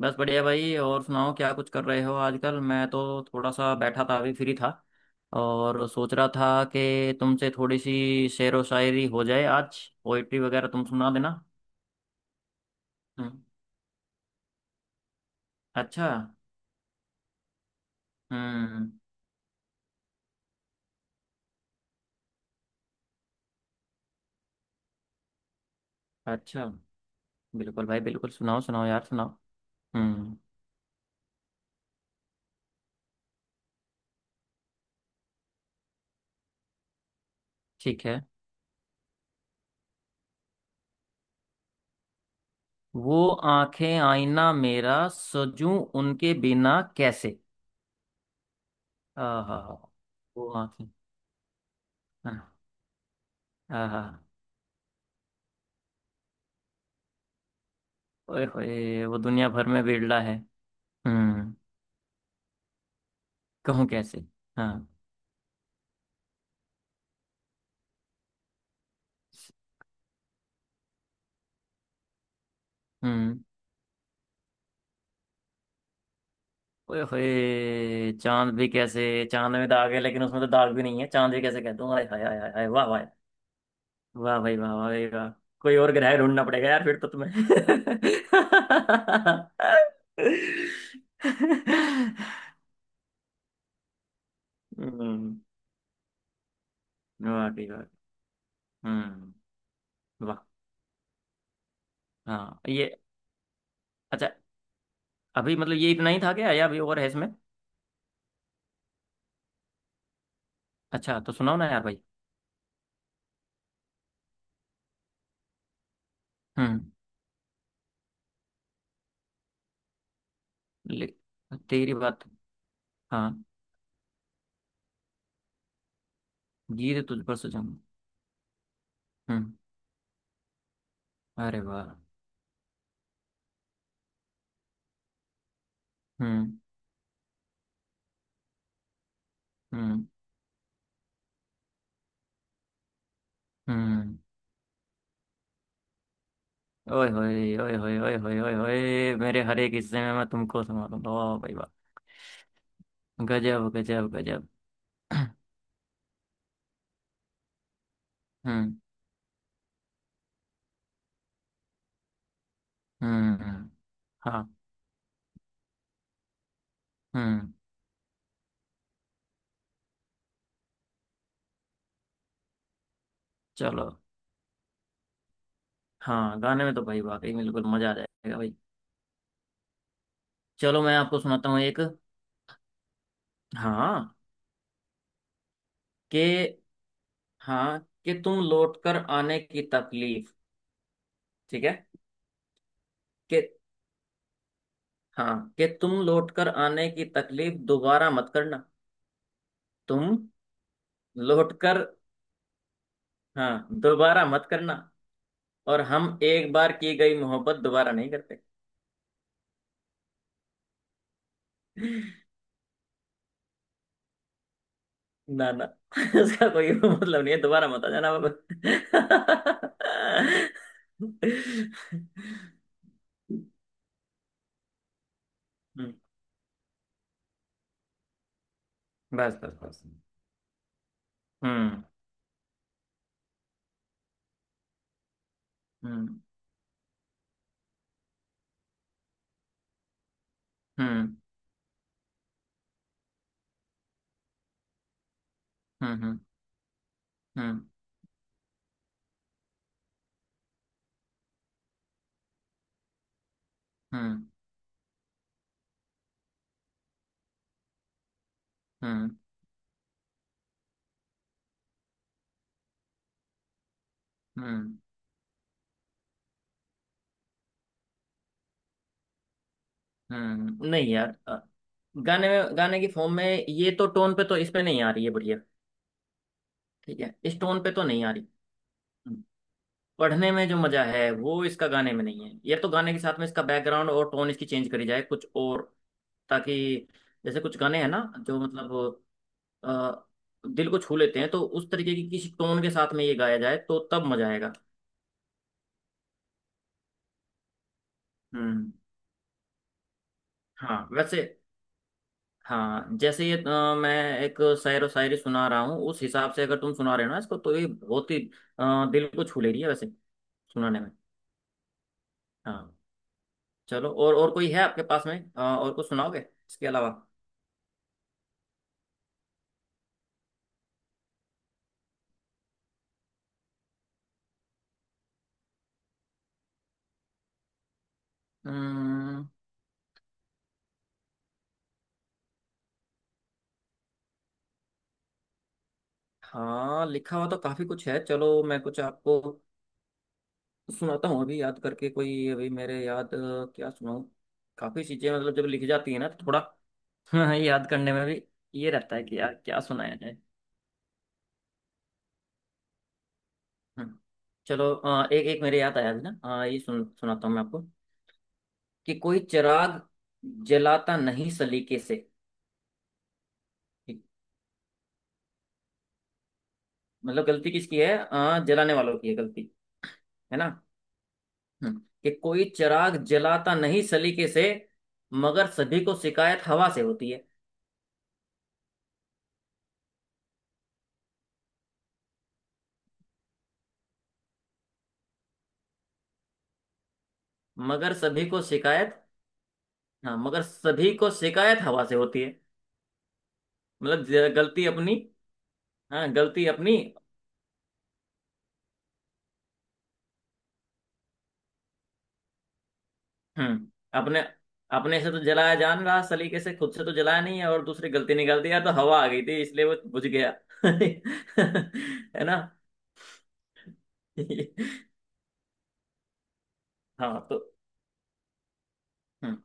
बस बढ़िया भाई। और सुनाओ, क्या कुछ कर रहे हो आजकल? मैं तो थोड़ा सा बैठा था, अभी फ्री था और सोच रहा था कि तुमसे थोड़ी सी शेरो शायरी हो जाए। आज पोइट्री वगैरह तुम सुना देना। हम्म, अच्छा। हम्म। अच्छा। बिल्कुल भाई, बिल्कुल। सुनाओ, सुनाओ यार, सुनाओ। हम्म। ठीक है। वो आंखें आईना, मेरा सजूं उनके बिना कैसे। आहा। वो आंखें। हाँ। आहा। ओए होए, वो दुनिया भर में बिरला है। हम्म। कहूँ कैसे। हाँ। हम्म। ओए होए, चांद भी कैसे। चांद में दाग है, लेकिन उसमें तो दाग भी नहीं है, चांद भी कैसे कह दूँ। हाय हाय हाय हाय हाय, वाह वाह। वाह भाई वाह, वाह भाई, वाह। कोई और ग्रह ढूंढना पड़ेगा यार फिर तो तुम्हें। हम्म। वाकई, वाह। हम्म। वाह। हाँ, ये। अच्छा, अभी मतलब ये इतना ही था क्या, या अभी और है इसमें? अच्छा, तो सुनाओ ना यार भाई। हम्म। ले- तेरी बात। हाँ। गीत तुझ पर सजम। हम्म। अरे वाह। हम्म। हम्म। हम्म। ओए होए, ओए होए, ओए होए, ओए होए, मेरे हर एक हिस्से में मैं तुमको समा दूंगा। वाह भाई वाह। गजब गजब गजब। हम्म। हम्म। हाँ। हम्म। चलो। हाँ, गाने में तो भाई वाकई में बिल्कुल मजा आ जाएगा भाई। चलो, मैं आपको सुनाता हूँ एक। हाँ। के। हाँ, कि तुम लौट कर आने की तकलीफ। ठीक है। कि, हाँ, कि तुम लौट कर आने की तकलीफ दोबारा मत करना। तुम लौटकर। हाँ, दोबारा मत करना। और हम एक बार की गई मोहब्बत दोबारा नहीं करते। ना ना, उसका कोई मतलब नहीं है, दोबारा मत आ जाना बाबा। हम्म, बस बस बस। हम्म। हम्म। हम्म। हम्म। हम्म। हम्म। हम्म। हम्म। हम्म। हम्म। नहीं यार, गाने की फॉर्म में ये तो टोन पे तो इसमें नहीं आ रही है बढ़िया। ठीक है, इस टोन पे तो नहीं आ रही। हम्म। पढ़ने में जो मजा है वो इसका गाने में नहीं है। ये तो गाने के साथ में इसका बैकग्राउंड और टोन इसकी चेंज करी जाए कुछ और, ताकि जैसे कुछ गाने हैं ना जो मतलब अ, दिल को छू लेते हैं, तो उस तरीके की किसी टोन के साथ में ये गाया जाए तो तब मजा आएगा। हम्म। हाँ, वैसे। हाँ जैसे ये मैं एक शायर व शायरी सुना रहा हूँ उस हिसाब से अगर तुम सुना रहे हो ना इसको, तो ये बहुत ही दिल को छू ले रही है वैसे, सुनाने में। हाँ। चलो। और कोई है आपके पास में, और कुछ सुनाओगे इसके अलावा? हम्म, हाँ। लिखा हुआ तो काफी कुछ है। चलो, मैं कुछ आपको सुनाता हूँ अभी याद करके। कोई अभी मेरे याद, क्या सुनाऊँ? काफी चीजें, मतलब जब लिखी जाती है ना तो थोड़ा याद करने में भी ये रहता है कि यार क्या सुनाया जाए। हम्म, चलो। एक एक मेरे याद आया अभी ना, ये सुनाता हूँ मैं आपको कि कोई चिराग जलाता नहीं सलीके से। ठीक, मतलब गलती किसकी है? जलाने वालों की है गलती, है ना। कि कोई चिराग जलाता नहीं सलीके से, मगर सभी को शिकायत हवा से होती है। मगर सभी को शिकायत। हाँ, मगर सभी को शिकायत हवा से होती है। मतलब गलती अपनी। हाँ, गलती अपनी। हम्म। अपने। अपने से तो जलाया जान रहा सलीके से, खुद से तो जलाया नहीं है, और दूसरी गलती निकाल दी यार, तो हवा आ गई थी इसलिए वो बुझ गया। है ना। हाँ तो। हम्म।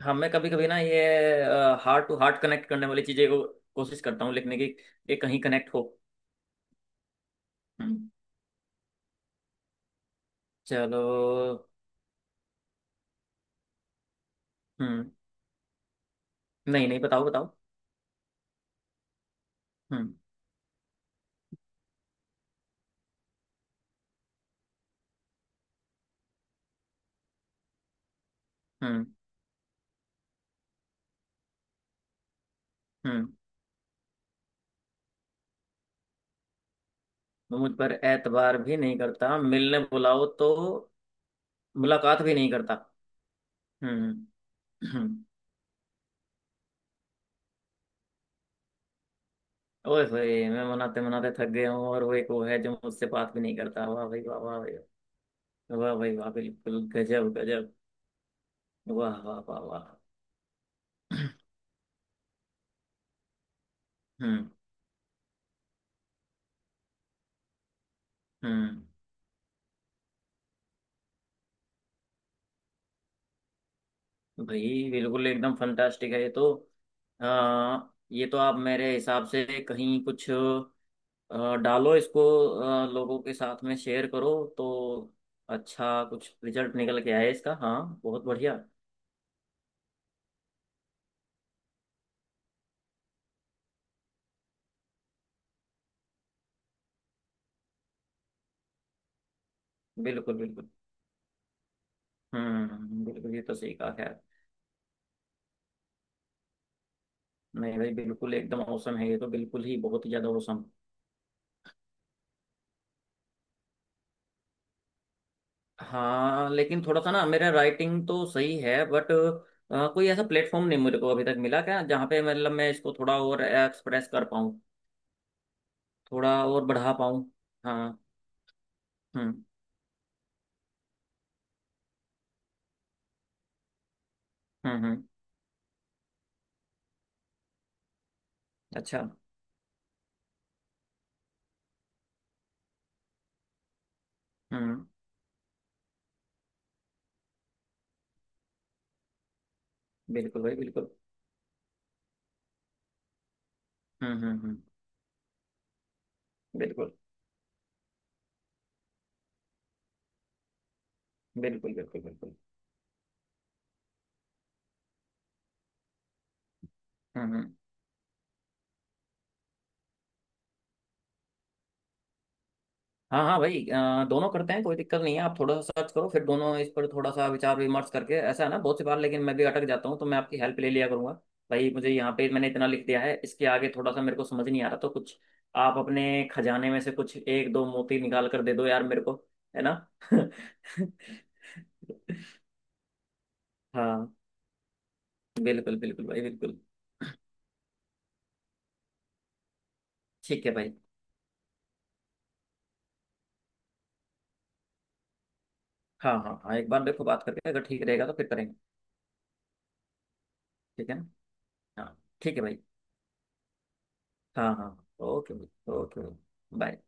हाँ, मैं कभी कभी ना ये हार्ट टू हार्ट कनेक्ट करने वाली चीजें को कोशिश करता हूँ लिखने की, ये कहीं कनेक्ट हो। हम्म, चलो। हम्म। नहीं नहीं, बताओ बताओ। हम्म। हम्म। हम्म। वो मुझ पर एतबार भी नहीं करता, मिलने बुलाओ तो मुलाकात भी नहीं करता। हम्म। हम्म, ओए होए, मैं मनाते मनाते थक गया हूँ और वो एक वो है जो मुझसे बात भी नहीं करता। वाह भाई वाह, वाह भाई वाह, भाई वाह, बिल्कुल गजब गजब। वाह वाह वाह वाह। हम्म। हम्म। भाई बिल्कुल एकदम फंटास्टिक है ये तो। आ, ये तो आप मेरे हिसाब से कहीं कुछ डालो इसको, लोगों के साथ में शेयर करो तो अच्छा कुछ रिजल्ट निकल के आए इसका। हाँ, बहुत बढ़िया। बिल्कुल बिल्कुल। हम्म। बिल्कुल, ये तो सही कहा। खैर। नहीं भाई, बिल्कुल एकदम औसम है ये तो, बिल्कुल ही बहुत ही ज़्यादा औसम। हाँ लेकिन थोड़ा सा ना मेरा राइटिंग तो सही है, बट कोई ऐसा प्लेटफॉर्म नहीं मुझे को अभी तक मिला क्या, जहाँ पे मतलब मैं इसको थोड़ा और एक्सप्रेस कर पाऊँ, थोड़ा और बढ़ा पाऊँ। हाँ। हम्म। हम्म। हम्म। अच्छा। हम्म। बिल्कुल भाई, बिल्कुल। हम्म। हम्म। हम्म। बिल्कुल बिल्कुल बिल्कुल। बिल्कुल। हम्म। हम्म। हाँ हाँ भाई, दोनों करते हैं, कोई दिक्कत नहीं है। आप थोड़ा सा सर्च करो, फिर दोनों इस पर थोड़ा सा विचार विमर्श करके, ऐसा है ना, बहुत सी बार लेकिन मैं भी अटक जाता हूँ, तो मैं आपकी हेल्प ले लिया करूंगा। भाई मुझे यहाँ पे, मैंने इतना लिख दिया है, इसके आगे थोड़ा सा मेरे को समझ नहीं आ रहा, तो कुछ आप अपने खजाने में से कुछ एक दो मोती निकाल कर दे दो यार मेरे को, है ना। हाँ, बिल्कुल बिल्कुल भाई, बिल्कुल। ठीक है भाई। हाँ हाँ हाँ, एक बार मेरे को बात करके अगर ठीक रहेगा तो फिर करेंगे। ठीक है ना? हाँ, ठीक है भाई। हाँ हाँ हाँ, ओके भाई, ओके भाई, बाय।